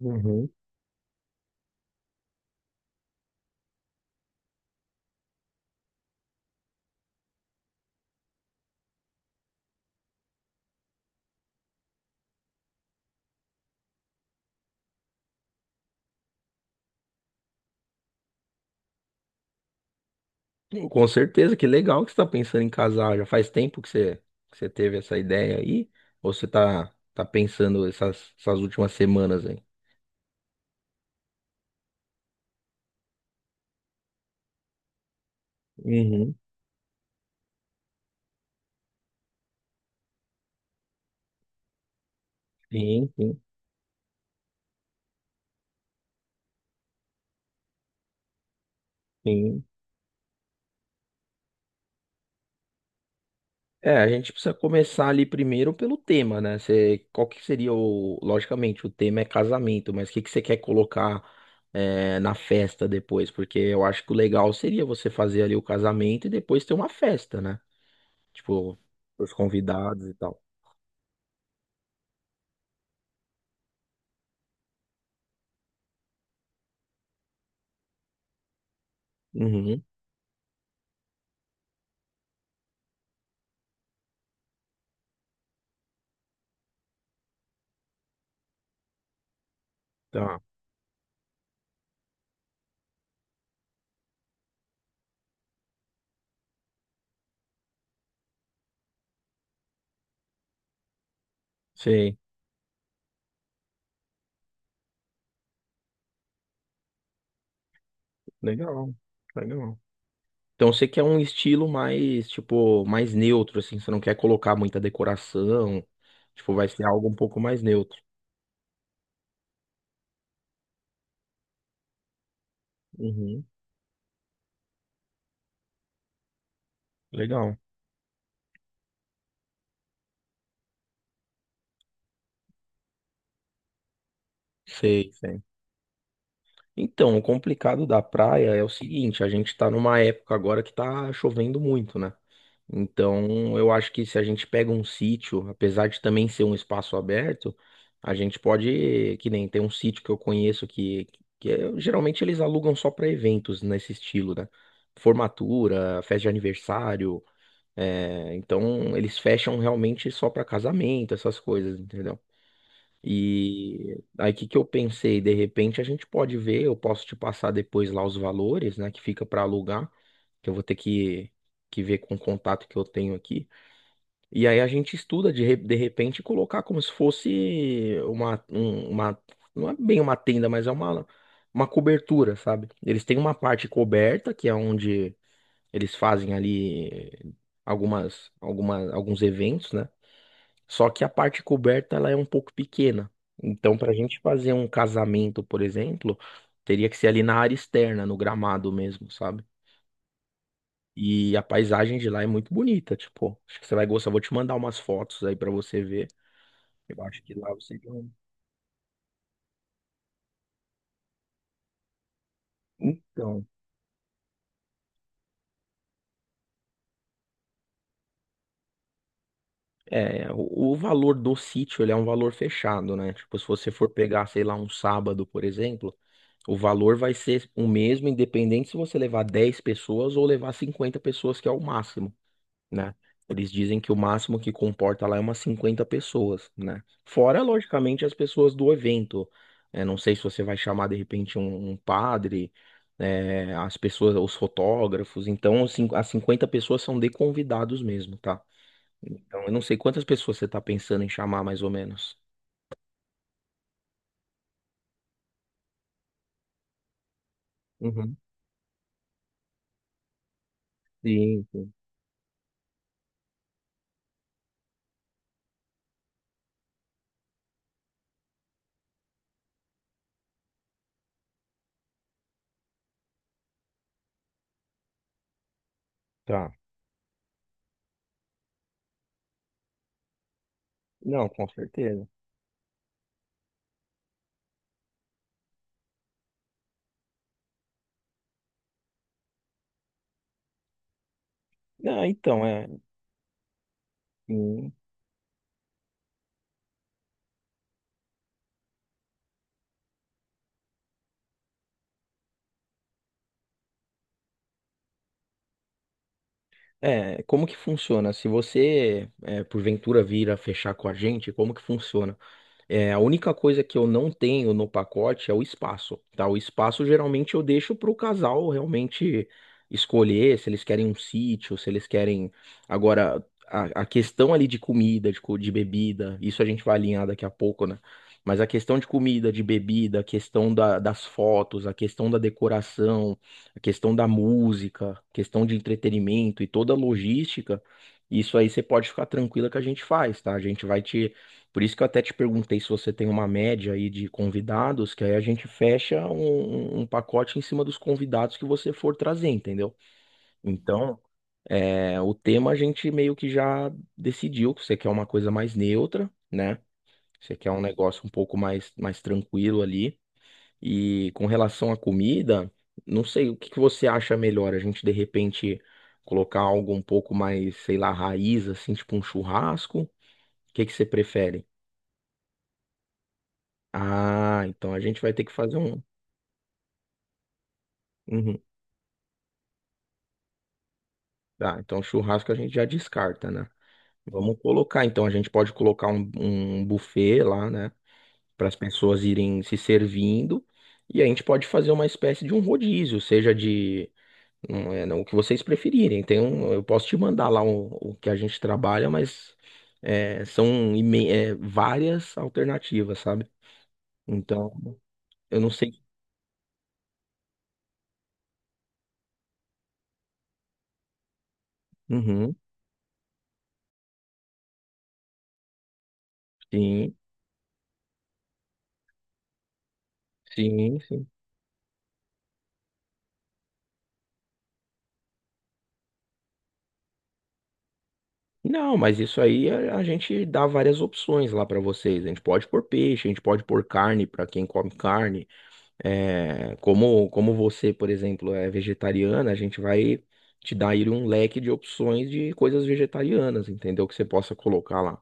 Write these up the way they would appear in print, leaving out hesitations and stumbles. Uhum. Com certeza, que legal que você está pensando em casar. Já faz tempo que você teve essa ideia aí? Ou você tá pensando essas últimas semanas aí? Uhum. Sim, sim, sim. É, a gente precisa começar ali primeiro pelo tema, né? Você, qual que seria o. Logicamente, o tema é casamento, mas o que que você quer colocar é, na festa depois? Porque eu acho que o legal seria você fazer ali o casamento e depois ter uma festa, né? Tipo, os convidados e tal. Uhum. Tá. Sei. Legal, legal. Então você quer um estilo mais, tipo, mais neutro, assim, você não quer colocar muita decoração, tipo, vai ser algo um pouco mais neutro. Uhum. Legal. Sei, sei. Então, o complicado da praia é o seguinte, a gente tá numa época agora que tá chovendo muito, né? Então, eu acho que se a gente pega um sítio, apesar de também ser um espaço aberto, a gente pode, que nem tem um sítio que eu conheço que geralmente eles alugam só para eventos nesse estilo, né? Formatura, festa de aniversário, é, então eles fecham realmente só para casamento, essas coisas, entendeu? E aí, o que que eu pensei? De repente, a gente pode ver, eu posso te passar depois lá os valores, né, que fica para alugar, que eu vou ter que ver com o contato que eu tenho aqui. E aí a gente estuda de, de repente colocar como se fosse uma, não é bem uma tenda, mas é uma cobertura, sabe? Eles têm uma parte coberta, que é onde eles fazem ali alguns eventos, né? Só que a parte coberta ela é um pouco pequena. Então, para a gente fazer um casamento, por exemplo, teria que ser ali na área externa, no gramado mesmo, sabe? E a paisagem de lá é muito bonita, tipo, acho que você vai gostar. Vou te mandar umas fotos aí para você ver. Eu acho que lá você ganha. Então, é, o valor do sítio, ele é um valor fechado, né? Tipo, se você for pegar, sei lá, um sábado, por exemplo, o valor vai ser o mesmo, independente se você levar 10 pessoas ou levar 50 pessoas, que é o máximo. Né? Eles dizem que o máximo que comporta lá é umas 50 pessoas, né? Fora, logicamente, as pessoas do evento. É, não sei se você vai chamar de repente um padre, é, as pessoas, os fotógrafos. Então, as 50 pessoas são de convidados mesmo, tá? Então, eu não sei quantas pessoas você tá pensando em chamar mais ou menos. Uhum. Sim, sim. Tá. Não, com certeza. Não, então, é, sim. É, como que funciona? Se você, é, porventura vir a fechar com a gente, como que funciona? É, a única coisa que eu não tenho no pacote é o espaço, tá? O espaço geralmente eu deixo para o casal realmente escolher se eles querem um sítio, se eles querem. Agora, a questão ali de comida, de bebida, isso a gente vai alinhar daqui a pouco, né? Mas a questão de comida, de bebida, a questão das fotos, a questão da decoração, a questão da música, a questão de entretenimento e toda a logística, isso aí você pode ficar tranquila que a gente faz, tá? A gente vai te por isso que eu até te perguntei se você tem uma média aí de convidados, que aí a gente fecha um pacote em cima dos convidados que você for trazer, entendeu? Então, é, o tema a gente meio que já decidiu que você quer uma coisa mais neutra, né? Você quer um negócio um pouco mais, mais tranquilo ali. E com relação à comida, não sei o que que você acha melhor, a gente de repente colocar algo um pouco mais, sei lá, raiz, assim, tipo um churrasco. O que que você prefere? Ah, então a gente vai ter que fazer um. Uhum. Tá, então churrasco a gente já descarta, né? Vamos colocar, então a gente pode colocar buffet lá, né? Para as pessoas irem se servindo. E a gente pode fazer uma espécie de um rodízio, seja de. Não é, não, o que vocês preferirem. Tem um, eu posso te mandar lá o que a gente trabalha, mas é, são várias alternativas, sabe? Então, eu não sei. Uhum, sim, sim, sim. Não, mas isso aí a gente dá várias opções lá para vocês. A gente pode pôr peixe, a gente pode pôr carne para quem come carne. É, como, como você, por exemplo, é vegetariana, a gente vai te dar aí um leque de opções de coisas vegetarianas, entendeu? Que você possa colocar lá.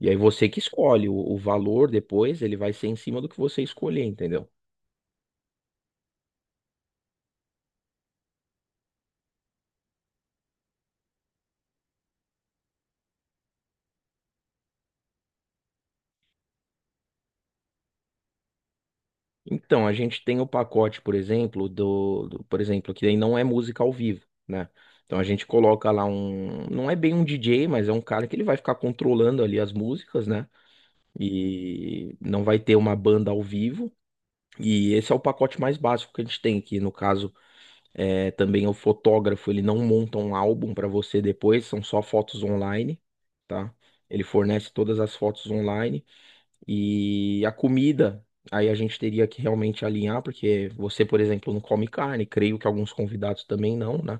E aí você que escolhe o valor depois, ele vai ser em cima do que você escolher, entendeu? Então, a gente tem o pacote, por exemplo, por exemplo, que aí não é música ao vivo, né? Então a gente coloca lá um, não é bem um DJ, mas é um cara que ele vai ficar controlando ali as músicas, né? E não vai ter uma banda ao vivo. E esse é o pacote mais básico que a gente tem, que no caso é também é o fotógrafo, ele não monta um álbum para você depois, são só fotos online, tá? Ele fornece todas as fotos online. E a comida, aí a gente teria que realmente alinhar, porque você, por exemplo, não come carne, creio que alguns convidados também não, né?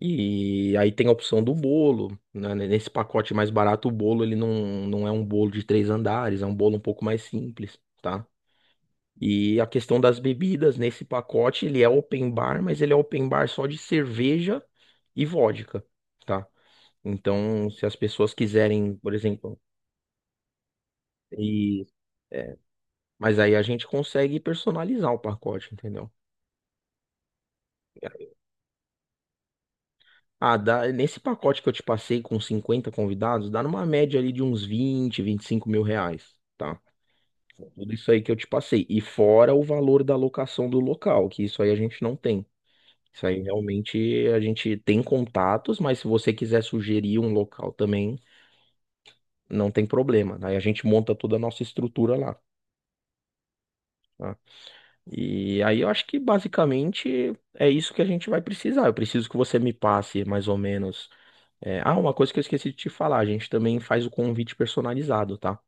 E aí tem a opção do bolo, né? Nesse pacote mais barato, o bolo ele não é um bolo de três andares, é um bolo um pouco mais simples, tá? E a questão das bebidas, nesse pacote ele é open bar, mas ele é open bar só de cerveja e vodka, tá? Então, se as pessoas quiserem, por exemplo, e mas aí a gente consegue personalizar o pacote, entendeu? Ah, dá, nesse pacote que eu te passei com 50 convidados, dá numa média ali de uns 20, R$ 25.000, tá? Tudo isso aí que eu te passei. E fora o valor da locação do local, que isso aí a gente não tem. Isso aí realmente a gente tem contatos, mas se você quiser sugerir um local também, não tem problema. Aí a gente monta toda a nossa estrutura lá. Tá? E aí eu acho que basicamente é isso que a gente vai precisar. Eu preciso que você me passe mais ou menos. É, ah, uma coisa que eu esqueci de te falar, a gente também faz o convite personalizado, tá?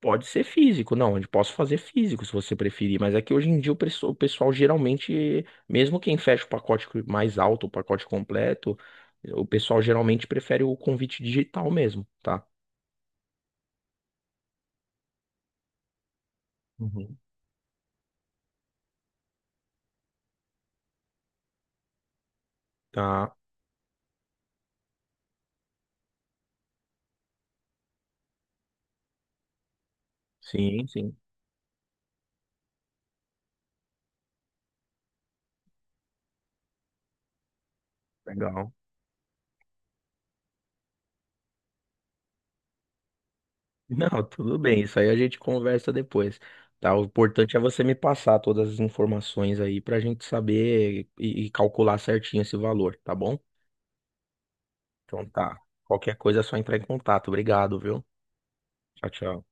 Pode ser físico, não, eu posso fazer físico se você preferir, mas é que hoje em dia o o pessoal geralmente, mesmo quem fecha o pacote mais alto, o pacote completo, o pessoal geralmente prefere o convite digital mesmo, tá? Uhum. Tá, sim, sim. Legal. Não, tudo bem, isso aí a gente conversa depois, tá? O importante é você me passar todas as informações aí pra gente saber e calcular certinho esse valor, tá bom? Então tá. Qualquer coisa é só entrar em contato. Obrigado, viu? Tchau, tchau.